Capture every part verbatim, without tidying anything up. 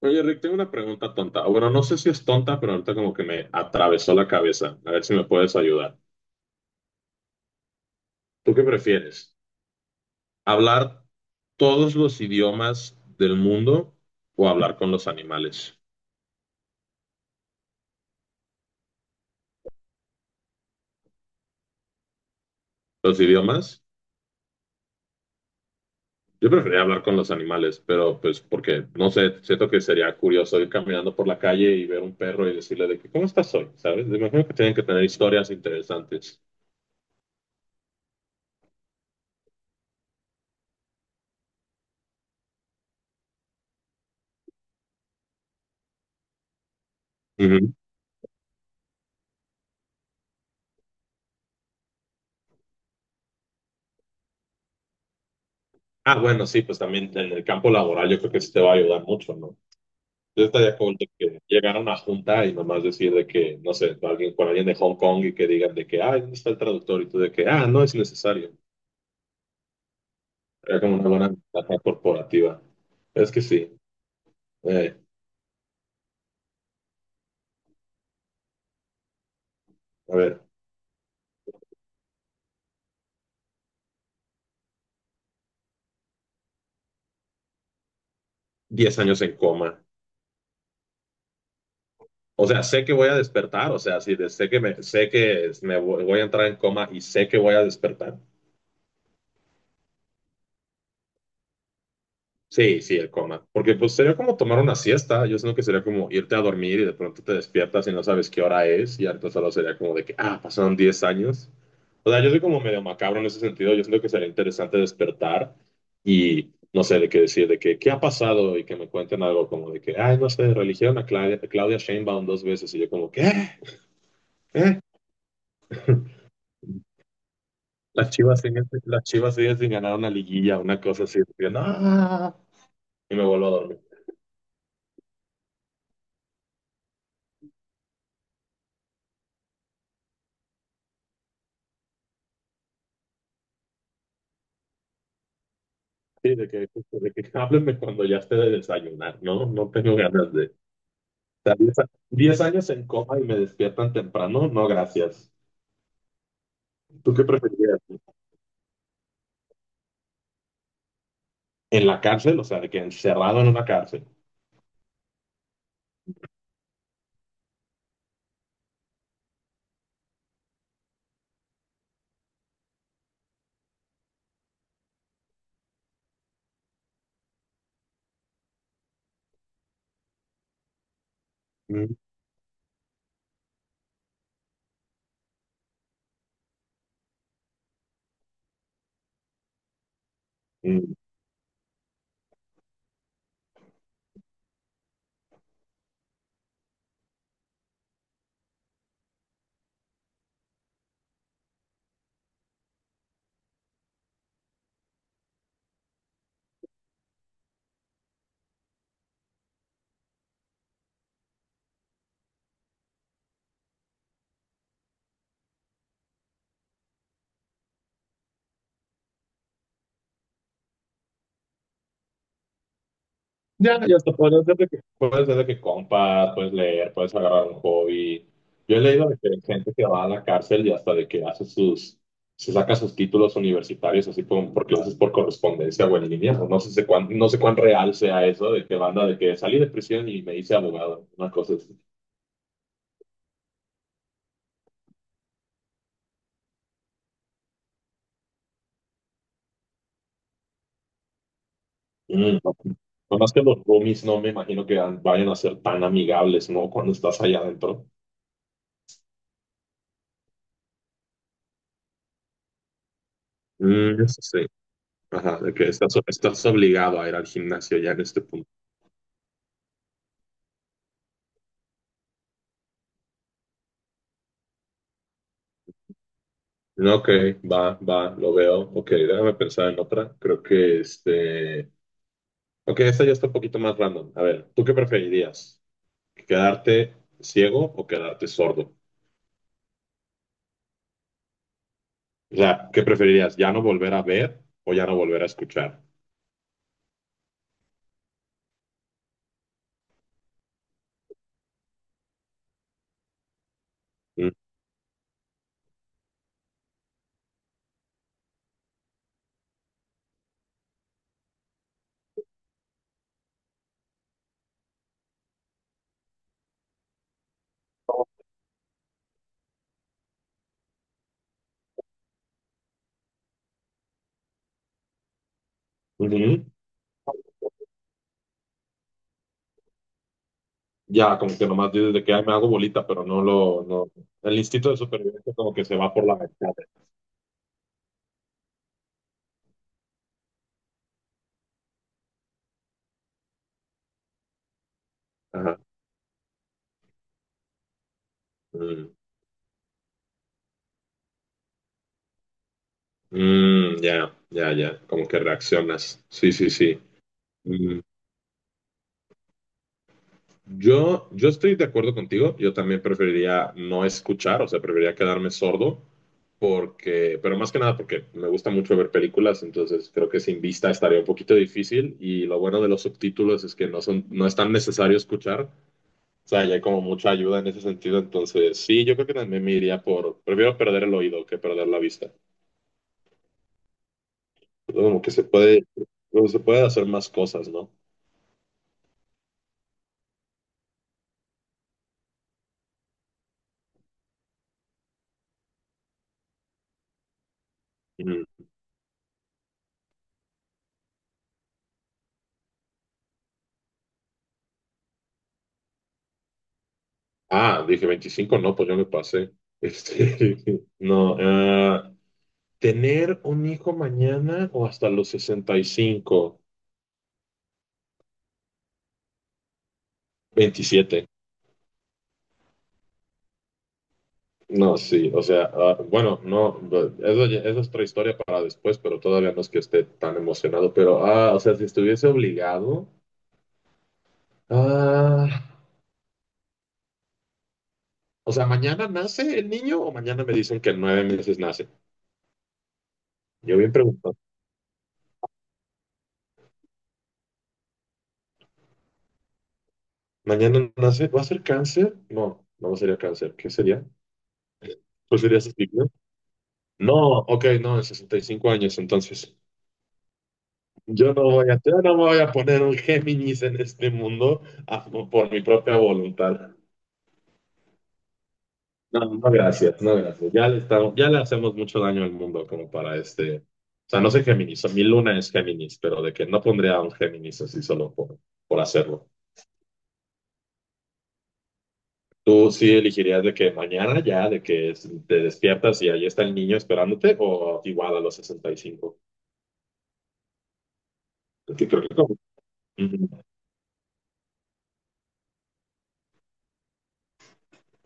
Oye, Rick, tengo una pregunta tonta. O bueno, no sé si es tonta, pero ahorita como que me atravesó la cabeza. A ver si me puedes ayudar. ¿Tú qué prefieres? ¿Hablar todos los idiomas del mundo o hablar con los animales? ¿Los idiomas? Yo preferiría hablar con los animales, pero pues porque, no sé, siento que sería curioso ir caminando por la calle y ver un perro y decirle de que, ¿cómo estás hoy? ¿Sabes? Me imagino que tienen que tener historias interesantes. Ujú. Ah, bueno, sí, pues también en el campo laboral yo creo que sí te va a ayudar mucho, ¿no? Yo estaría cool de que llegara a una junta y nomás decir de que, no sé, alguien con alguien de Hong Kong y que digan de que, ay, ¿dónde está el traductor? Y tú de que, ah, no es necesario. Era como una buena ventaja corporativa. Es que sí. Eh, a ver, diez años en coma. O sea, sé que voy a despertar, o sea, sí, de- sé que me, sé que me voy voy a entrar en coma y sé que voy a despertar. Sí, sí, el coma. Porque pues sería como tomar una siesta. Yo siento que sería como irte a dormir y de pronto te despiertas y no sabes qué hora es. Y ahorita solo sería como de que, ah, pasaron diez años. O sea, yo soy como medio macabro en ese sentido. Yo siento que sería interesante despertar y no sé de qué decir, de que, qué ha pasado y que me cuenten algo como de que, ay, no sé, religieron a Claudia, a Claudia Sheinbaum dos veces. Y yo como, ¿qué? ¿Qué? Las chivas siguen, las chivas siguen sin ganar una liguilla, una cosa así. Y yo, no. Y me vuelvo a dormir. Sí, de que, de que háblenme cuando ya esté de desayunar, ¿no? No tengo ganas de, o sea, diez a- diez años en coma y me despiertan temprano, no, gracias. ¿Tú qué preferirías? ¿En la cárcel? O sea, de que encerrado en una cárcel. Mm, mm. Ya, ya te puedes desde que, puedes desde que compras, puedes leer, puedes agarrar un hobby. Yo he leído de que hay gente que va a la cárcel y hasta de que hace sus, se saca sus títulos universitarios así como porque lo haces por correspondencia o en línea. No no sé, si cuán, no sé cuán real sea eso de que banda de que salí de prisión y me hice abogado. Una cosa así. Mm, no. Nomás que los roomies no me imagino que van- vayan a ser tan amigables, ¿no? Cuando estás allá adentro. Mm, eso sí. Ajá, de que estás, estás obligado a ir al gimnasio ya en este punto. No, ok, va, va, lo veo. Ok, déjame pensar en otra. Creo que este. Ok, esta ya está un poquito más random. A ver, ¿tú qué preferirías? ¿Quedarte ciego o quedarte sordo? O sea, ¿qué preferirías? ¿Ya no volver a ver o ya no volver a escuchar? Mm, ujú. Ya, como que nomás dices de que "Ay, me hago bolita, pero no lo. No." El instinto de supervivencia como que se va por la ventana. Ajá. Mm, mm, ya, ya, ya. Como que reaccionas. Sí, sí, sí. Mm. Yo, yo estoy de acuerdo contigo, yo también preferiría no escuchar, o sea, preferiría quedarme sordo, porque, pero más que nada porque me gusta mucho ver películas, entonces creo que sin vista estaría un poquito difícil y lo bueno de los subtítulos es que no son, no es tan necesario escuchar, o sea, ya hay como mucha ayuda en ese sentido, entonces sí, yo creo que también me iría por, prefiero perder el oído que perder la vista, como que se puede, como se puede hacer más cosas, ¿no? Mm. Ah, dije veinticinco, no, pues yo me pasé. Este, no, ah, tener un hijo mañana o hasta los sesenta y cinco, veintisiete. No, sí, o sea, ah, bueno, no, bu- eso, ya- eso es otra historia para después, pero todavía no es que esté tan emocionado, pero, ah, o sea, si estuviese obligado, ah, o sea, ¿mañana nace el niño o mañana me dicen que en nueve meses nace? Yo bien pregunto, ¿mañana nace? ¿Va a ser cáncer? No, no sería cáncer, ¿qué sería? Pues sería así. No, ok, no, sesenta y cinco años, entonces. Yo no voy a, yo no me voy a poner un Géminis en este mundo a- por mi propia voluntad. No, no, gracias, no, gracias. Ya le estamos, ya le hacemos mucho daño al mundo como para este. O sea, no soy Géminis, o mi luna es Géminis, pero de que no pondría a un Géminis así solo por, por hacerlo. ¿Tú sí elegirías de que mañana ya, de que es- te despiertas y ahí está el niño esperándote, o igual a los sesenta y cinco? Porque creo que como- Ujú,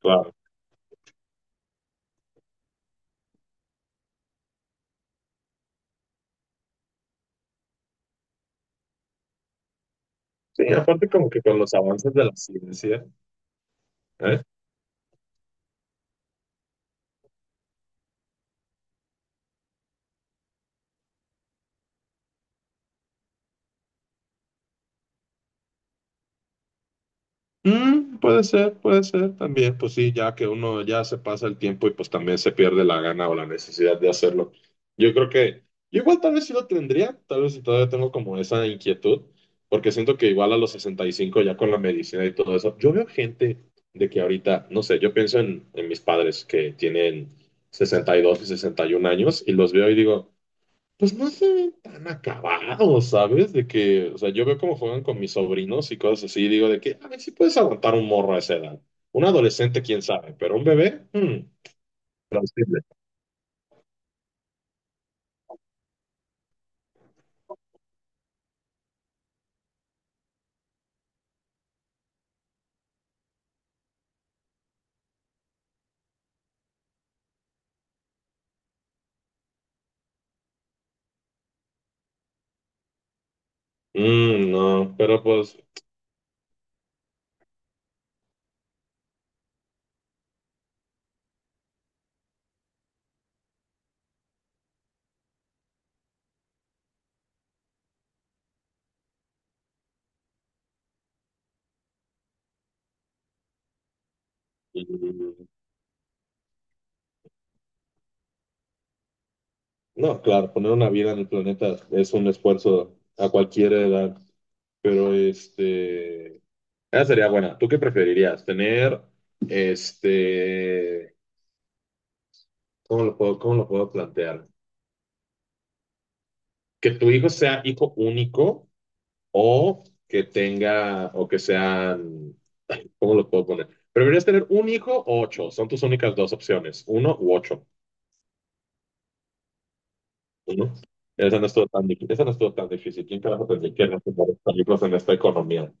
claro. Sí, aparte como que con los avances de la ciencia, ¿eh? Mm, puede ser, puede ser también, pues sí, ya que uno ya se pasa el tiempo y pues también se pierde la gana o la necesidad de hacerlo. Yo creo que, yo igual tal vez sí lo tendría, tal vez si todavía tengo como esa inquietud, porque siento que igual a los sesenta y cinco ya con la medicina y todo eso, yo veo gente de que ahorita, no sé, yo pienso en, en mis padres que tienen sesenta y sesenta y uno años y los veo y digo. Pues no se ven tan acabados, ¿sabes? De que, o sea, yo veo cómo juegan con mis sobrinos y cosas así, y digo de que, a ver si puedes aguantar un morro a esa edad. Un adolescente, quién sabe, pero un bebé, mm, plausible. Mm, no, pero pues, mm, no, claro, poner una vida en el planeta es un esfuerzo a cualquier edad, pero este, esa sería buena. ¿Tú qué preferirías? Tener, este, ¿cómo lo puedo, cómo lo puedo plantear? Que tu hijo sea hijo único o que tenga, o que sean, ¿cómo lo puedo poner? ¿Prefieres tener un hijo o ocho? Son tus únicas dos opciones, uno u ocho. Uno. Esa no estuvo tan, dif- esa no estuvo tan difícil. ¿Quién carajo tendría que recomendar películas en esta economía?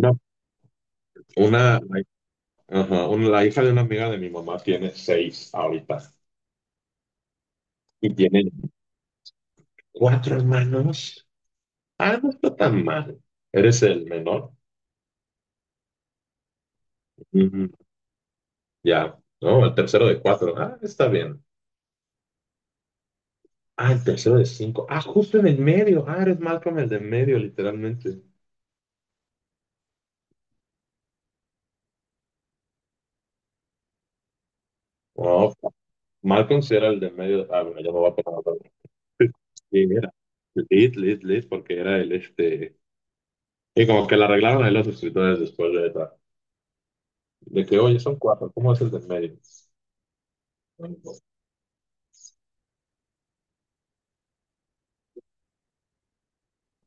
Una, una, ajá, una- la hija de una amiga de mi mamá tiene seis ahorita y tiene cuatro hermanos. Ah, no está tan mal. ¿Eres el menor? Ujú, ya, no, el tercero de cuatro. Ah, está bien. Ah, el tercero de cinco. Ah, justo en el medio. Ah, eres Malcolm el de en medio, literalmente. Wow. Malcolm sí era el de en medio. Ah, bueno, ya me voy a poner a hablar. Sí, era. Lit, lit, lit, porque era el este. Y como que le arreglaron ahí los escritores después de, esa- de que, oye, son cuatro, ¿cómo es el de en medio?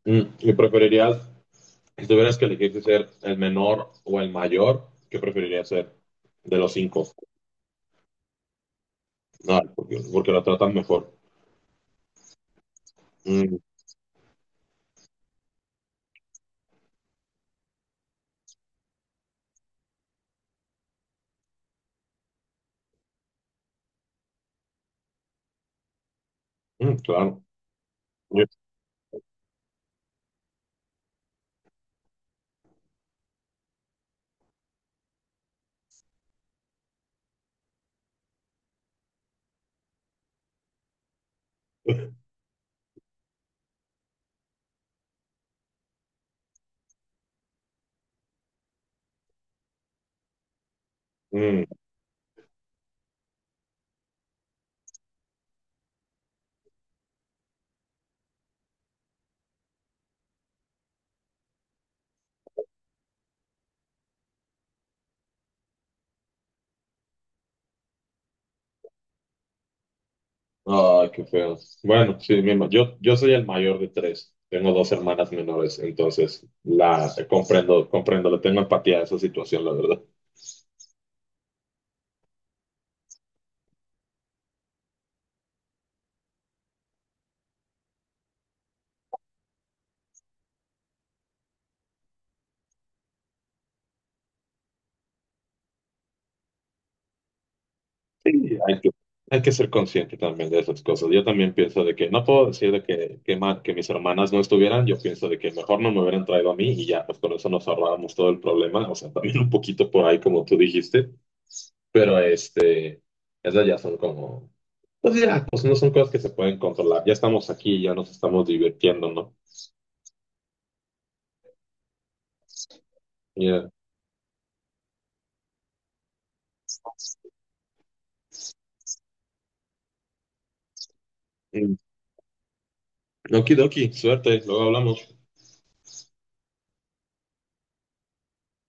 Mm, ¿y preferirías, si tuvieras que elegir si ser el menor o el mayor, qué preferirías ser de los cinco? No, porque, porque lo tratan mejor. Mm, mm, claro. Mm, ay, qué feo. Bueno, sí, mi herma- yo, yo soy el mayor de tres. Tengo dos hermanas menores, entonces la comprendo, comprendo, le tengo empatía a esa situación, la verdad. Sí, hay que, hay que ser consciente también de esas cosas. Yo también pienso de que no puedo decir de que, que, ma- que mis hermanas no estuvieran, yo pienso de que mejor no me hubieran traído a mí y ya, pues con eso nos ahorrábamos todo el problema, o sea, también un poquito por ahí como tú dijiste, pero este, esas ya son como, pues ya, pues no son cosas que se pueden controlar, ya estamos aquí, ya nos estamos divirtiendo, ¿no? Ya. Mm. Okidoki, suerte, luego hablamos.